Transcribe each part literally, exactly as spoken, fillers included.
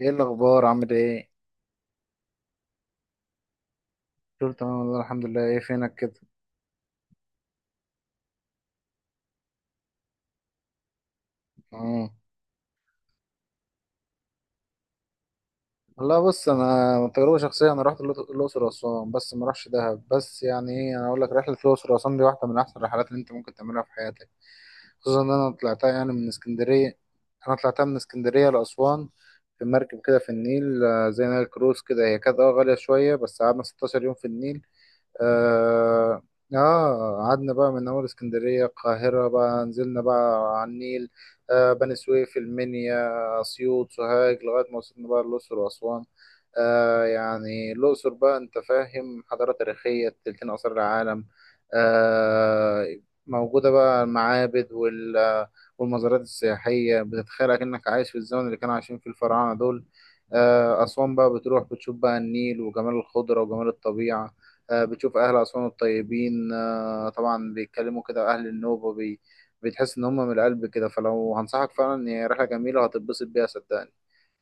ايه الاخبار، عامل ايه؟ قلت تمام والله، الحمد لله، ايه فينك كده؟ اه، والله بص، انا من تجربه شخصيه انا رحت الأقص- الاقصر واسوان بس ما رحتش دهب، بس يعني ايه، انا اقول لك رحله الاقصر واسوان دي واحده من احسن الرحلات اللي انت ممكن تعملها في حياتك. خصوصا ان انا طلعتها يعني من اسكندريه، انا طلعتها من اسكندريه لاسوان في مركب كده في النيل، آه، زي نايل كروز كده. هي كانت اه غاليه شويه، بس قعدنا 16 يوم في النيل. آه آه قعدنا بقى من أول اسكندرية القاهرة، بقى نزلنا بقى على النيل، آه، بني سويف، المنيا، أسيوط، سوهاج، لغاية ما وصلنا بقى الأقصر وأسوان. آه، يعني الأقصر بقى أنت فاهم، حضارة تاريخية، تلتين آثار العالم، آه، موجودة بقى، المعابد وال والمزارات السياحية، بتتخيل كأنك عايش في الزمن اللي كانوا عايشين فيه الفراعنة دول. آه، أسوان بقى بتروح بتشوف بقى النيل وجمال الخضرة وجمال الطبيعة، آه، بتشوف أهل أسوان الطيبين، آه، طبعا بيتكلموا كده أهل النوبة، بي بتحس إن هم من القلب كده. فلو هنصحك فعلا إن هي رحلة جميلة وهتتبسط بيها صدقني.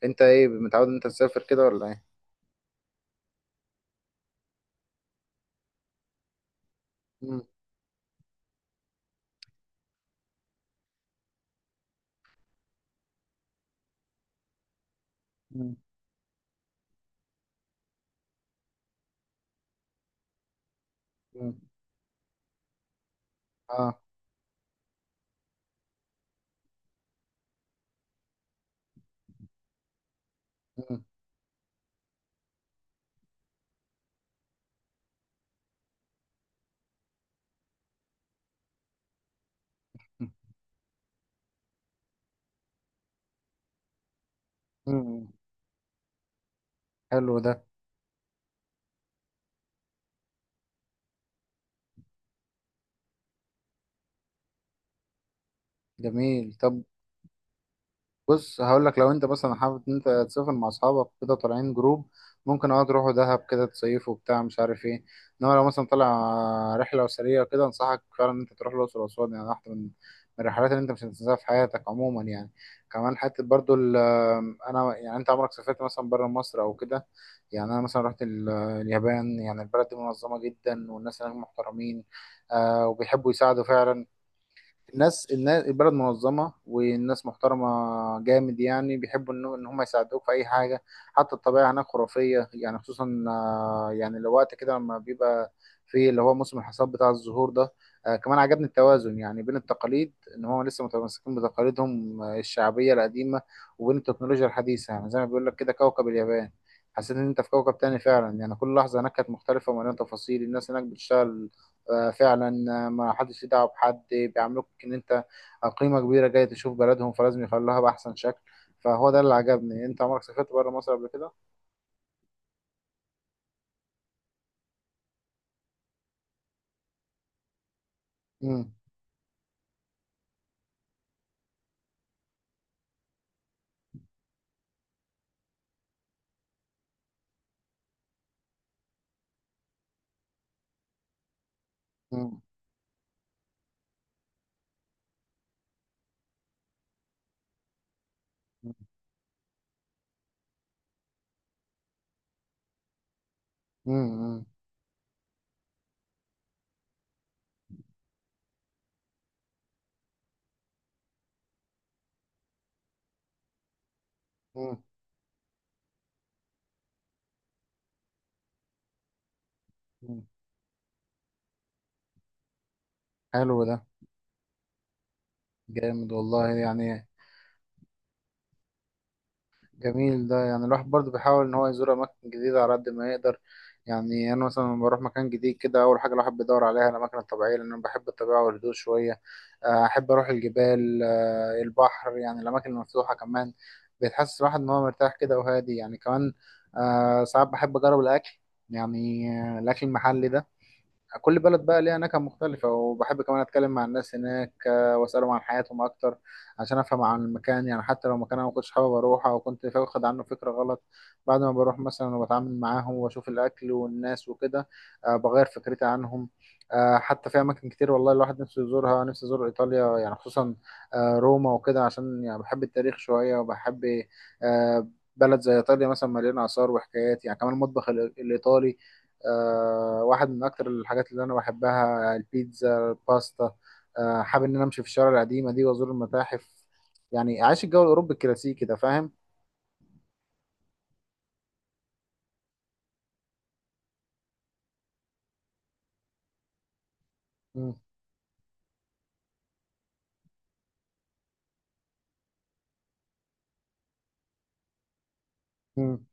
أنت إيه، متعود إن أنت تسافر كده ولا إيه؟ مم. مم. مم. آه. مم. مم. حلو ده. جميل. طب، بص هقول لك، لو انت مثلا حابب ان انت تسافر مع اصحابك كده طالعين جروب، ممكن اه تروحوا دهب كده تصيفوا وبتاع مش عارف ايه. انما لو مثلا طالع رحله اسريه كده، انصحك فعلا ان انت تروح الاقصر واسوان، يعني واحده من من الرحلات اللي انت مش هتنساها في حياتك عموما يعني. كمان حته برضو ال- انا يعني، انت عمرك سافرت مثلا بره مصر او كده؟ يعني انا مثلا رحت ال- اليابان، يعني البلد دي منظمه جدا والناس هناك محترمين، آه وبيحبوا يساعدوا فعلا. الناس الناس البلد منظمة والناس محترمة، جامد يعني، بيحبوا ان إن هم يساعدوك في اي حاجة. حتى الطبيعة هناك خرافية، يعني خصوصا، آه، يعني الوقت كده لما بيبقى في اللي هو موسم الحصاد بتاع الزهور ده. آه، كمان عجبني التوازن يعني بين التقاليد، ان هم لسه متمسكين بتقاليدهم آه، الشعبية القديمة، وبين التكنولوجيا الحديثة، يعني زي ما بيقول لك كده كوكب اليابان. حسيت ان انت في كوكب تاني فعلا، يعني كل لحظة هناك كانت مختلفة ومليانة تفاصيل. الناس هناك بتشتغل آه، فعلا. آه، ما حدش ليه دعوه بحد، بيعاملوك ان انت قيمه كبيره جاي تشوف بلدهم، فلازم يخلوها باحسن شكل. فهو ده اللي عجبني. انت عمرك سافرت بره مصر قبل كده؟ مم. مم. مم. مم. مم. حلو ده. جامد والله يعني. جميل ده. يعني الواحد برضه بيحاول ان هو يزور اماكن جديده على قد ما يقدر. يعني انا مثلا لما بروح مكان جديد كده، اول حاجه الواحد بيدور عليها الاماكن الطبيعيه، لان انا بحب الطبيعه والهدوء شويه، آه، احب اروح الجبال، آه، البحر، يعني الاماكن المفتوحه كمان بتحسس الواحد ان هو مرتاح كده وهادي يعني كمان. آه، ساعات بحب اجرب الاكل يعني، آه، الاكل المحلي ده. كل بلد بقى ليها نكهة مختلفة، وبحب كمان أتكلم مع الناس هناك، آه، وأسألهم عن حياتهم أكتر، عشان أفهم عن المكان. يعني حتى لو مكان أنا ما كنتش حابب أروحه، أو كنت واخد عنه فكرة غلط، بعد ما بروح مثلا وبتعامل معاهم وأشوف الأكل والناس وكده، آه، بغير فكرتي عنهم. آه، حتى في أماكن كتير والله الواحد نفسه يزورها. نفسي أزور إيطاليا، يعني خصوصا آه، روما وكده، عشان يعني بحب التاريخ شوية، وبحب آه، بلد زي إيطاليا مثلا مليانة آثار وحكايات. يعني كمان المطبخ الإيطالي آه، واحد من اكتر الحاجات اللي انا بحبها، البيتزا، الباستا. آه، حابب ان انا امشي في الشوارع القديمه دي وازور المتاحف، يعني عايش الجو الاوروبي الكلاسيكي ده، فاهم؟ مم. مم.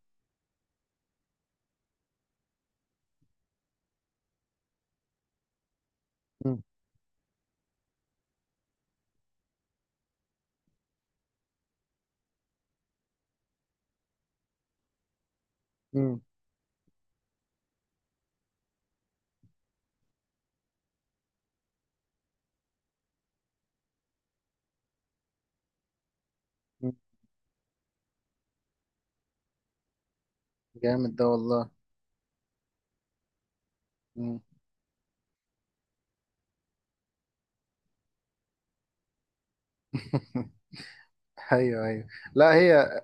مم. مم. مم. جامد ده والله. مم. ايوه ايوه، لا، هي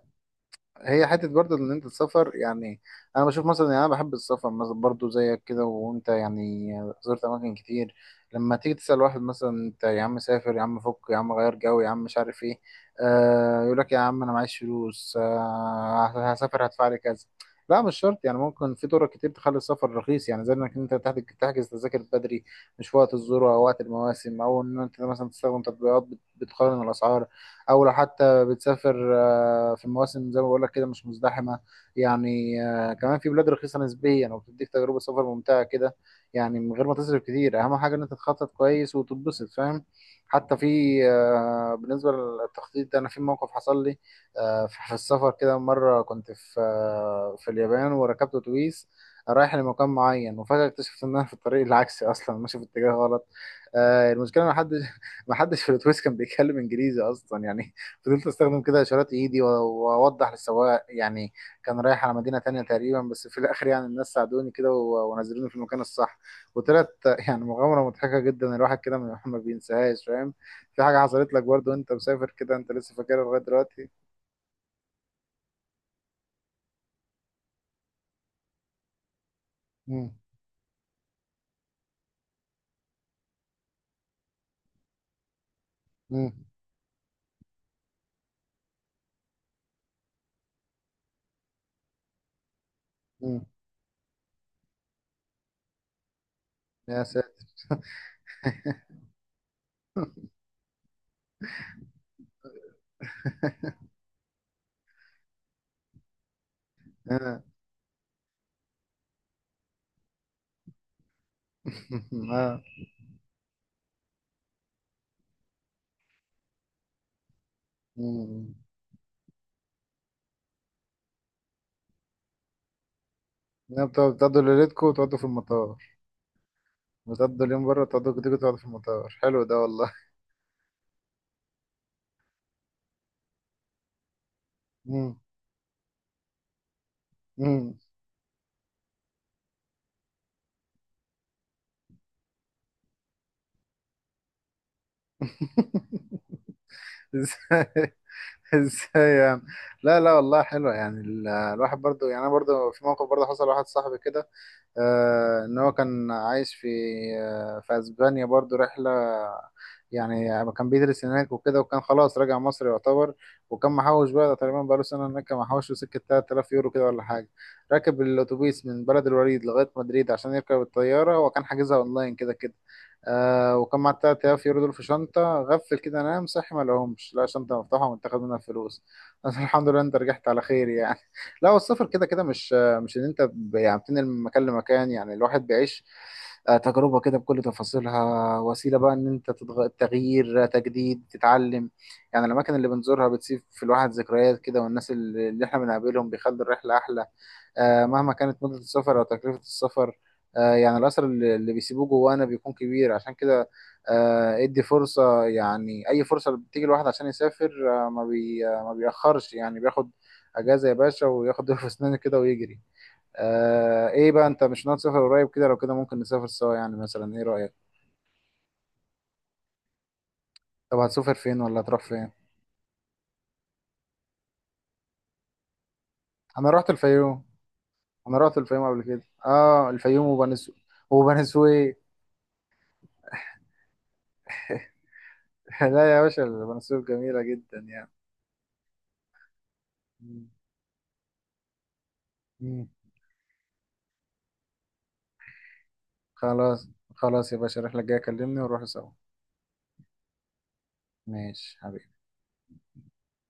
هي حته برضه ان انت تسافر يعني. انا بشوف مثلا، يعني انا بحب السفر مثلا برضه زيك كده، وانت يعني زرت اماكن كتير. لما تيجي تسال واحد مثلا، انت يا عم سافر يا عم، فك يا عم، غير جو يا عم، مش عارف ايه، آه يقول لك يا عم انا معيش فلوس، آه هسافر هدفع لي كذا. لا، مش شرط يعني. ممكن في طرق كتير تخلي السفر رخيص، يعني زي انك انت تحجز تحجز تذاكر بدري، مش في وقت الذروه او وقت المواسم، او ان انت مثلا تستخدم تطبيقات بت- بتقارن الاسعار، او لو حتى بتسافر آه، في مواسم زي ما بقول لك كده مش مزدحمه. يعني آه، كمان في بلاد رخيصه نسبيا وبتديك تجربه سفر ممتعه كده، يعني من غير ما تصرف كتير. اهم حاجه ان انت تخطط كويس وتتبسط، فاهم؟ حتى في آه، بالنسبه للتخطيط ده، انا في موقف حصل لي آه، في في السفر كده. مره كنت في آه، في اليابان وركبت اتوبيس رايح لمكان معين، وفجأة اكتشفت ان انا في الطريق العكسي، اصلا ماشي في اتجاه غلط. آه المشكله ان حد ما حدش في الاتوبيس كان بيتكلم انجليزي اصلا يعني، فضلت استخدم كده اشارات ايدي و- واوضح للسواق يعني. كان رايح على مدينه تانية تقريبا، بس في الاخر يعني الناس ساعدوني كده و- ونزلوني في المكان الصح. وطلعت يعني مغامره مضحكه جدا، الواحد كده ما ما بينساهاش، فاهم؟ في حاجه حصلت لك برضو وانت مسافر كده انت لسه فاكرها لغايه دلوقتي؟ مم. مم. مم. يا ساتر. آه. آه. مم. لا، بتقعدوا بتقعدوا ليلتكم وتقعدوا في المطار. بتقضوا اليوم بره، تقعدوا تيجوا تقعدوا في المطار. حلو ده والله. مم. مم. ازاي؟ ازاي يعني؟ لا لا، والله حلوة يعني. ال- الواحد برضو، يعني انا برضو في موقف برضو، حصل واحد صاحبي كده، آه، ان هو كان عايش في آه، في اسبانيا برضو رحلة يعني. كان بيدرس هناك وكده، وكان خلاص راجع مصر يعتبر، وكان محوش بقى تقريبا بقاله سنة هناك، كان محوش له سكة 3000 يورو كده ولا حاجة. راكب الأتوبيس من بلد الوليد لغاية مدريد عشان يركب الطيارة، هو كان حاجزها أونلاين كده كده. آه وكان معاه 3000 يورو دول في شنطة غفل كده، نام صحي ما لقاهمش، لقى شنطة مفتوحة ومتاخد منها الفلوس. بس الحمد لله أنت رجعت على خير يعني. لا، والسفر كده كده مش مش ان انت ب- يعني بتنقل من مكان لمكان، يعني الواحد بيعيش آه، تجربة كده بكل تفاصيلها. وسيلة بقى ان انت تتغ... تغيير، آه، تجديد، تتعلم. يعني الاماكن اللي بنزورها بتسيب في الواحد ذكريات كده، والناس اللي اللي احنا بنقابلهم بيخلوا الرحلة احلى، آه، مهما كانت مدة السفر او تكلفة السفر. آه، يعني الاثر اللي اللي بيسيبوه جوانا بيكون كبير. عشان كده آه، ادي فرصة، يعني اي فرصة بتيجي الواحد عشان يسافر، آه، ما بي... آه، ما بيأخرش، يعني بياخد اجازة يا باشا وياخد ضرب في اسنانه كده ويجري. آه ايه بقى، انت مش ناوي تسافر قريب كده؟ لو كده ممكن نسافر سوا يعني، مثلا ايه رأيك؟ طب هتسافر فين ولا هتروح فين؟ انا رحت الفيوم انا رحت الفيوم قبل كده، اه الفيوم وبني سويف. وبني سويف. لا يا باشا، بني سويف جميلة جدا يعني. مم. مم. خلاص، خلاص يا باشا، الرحلة الجاية كلمني ونروح سوا. ماشي.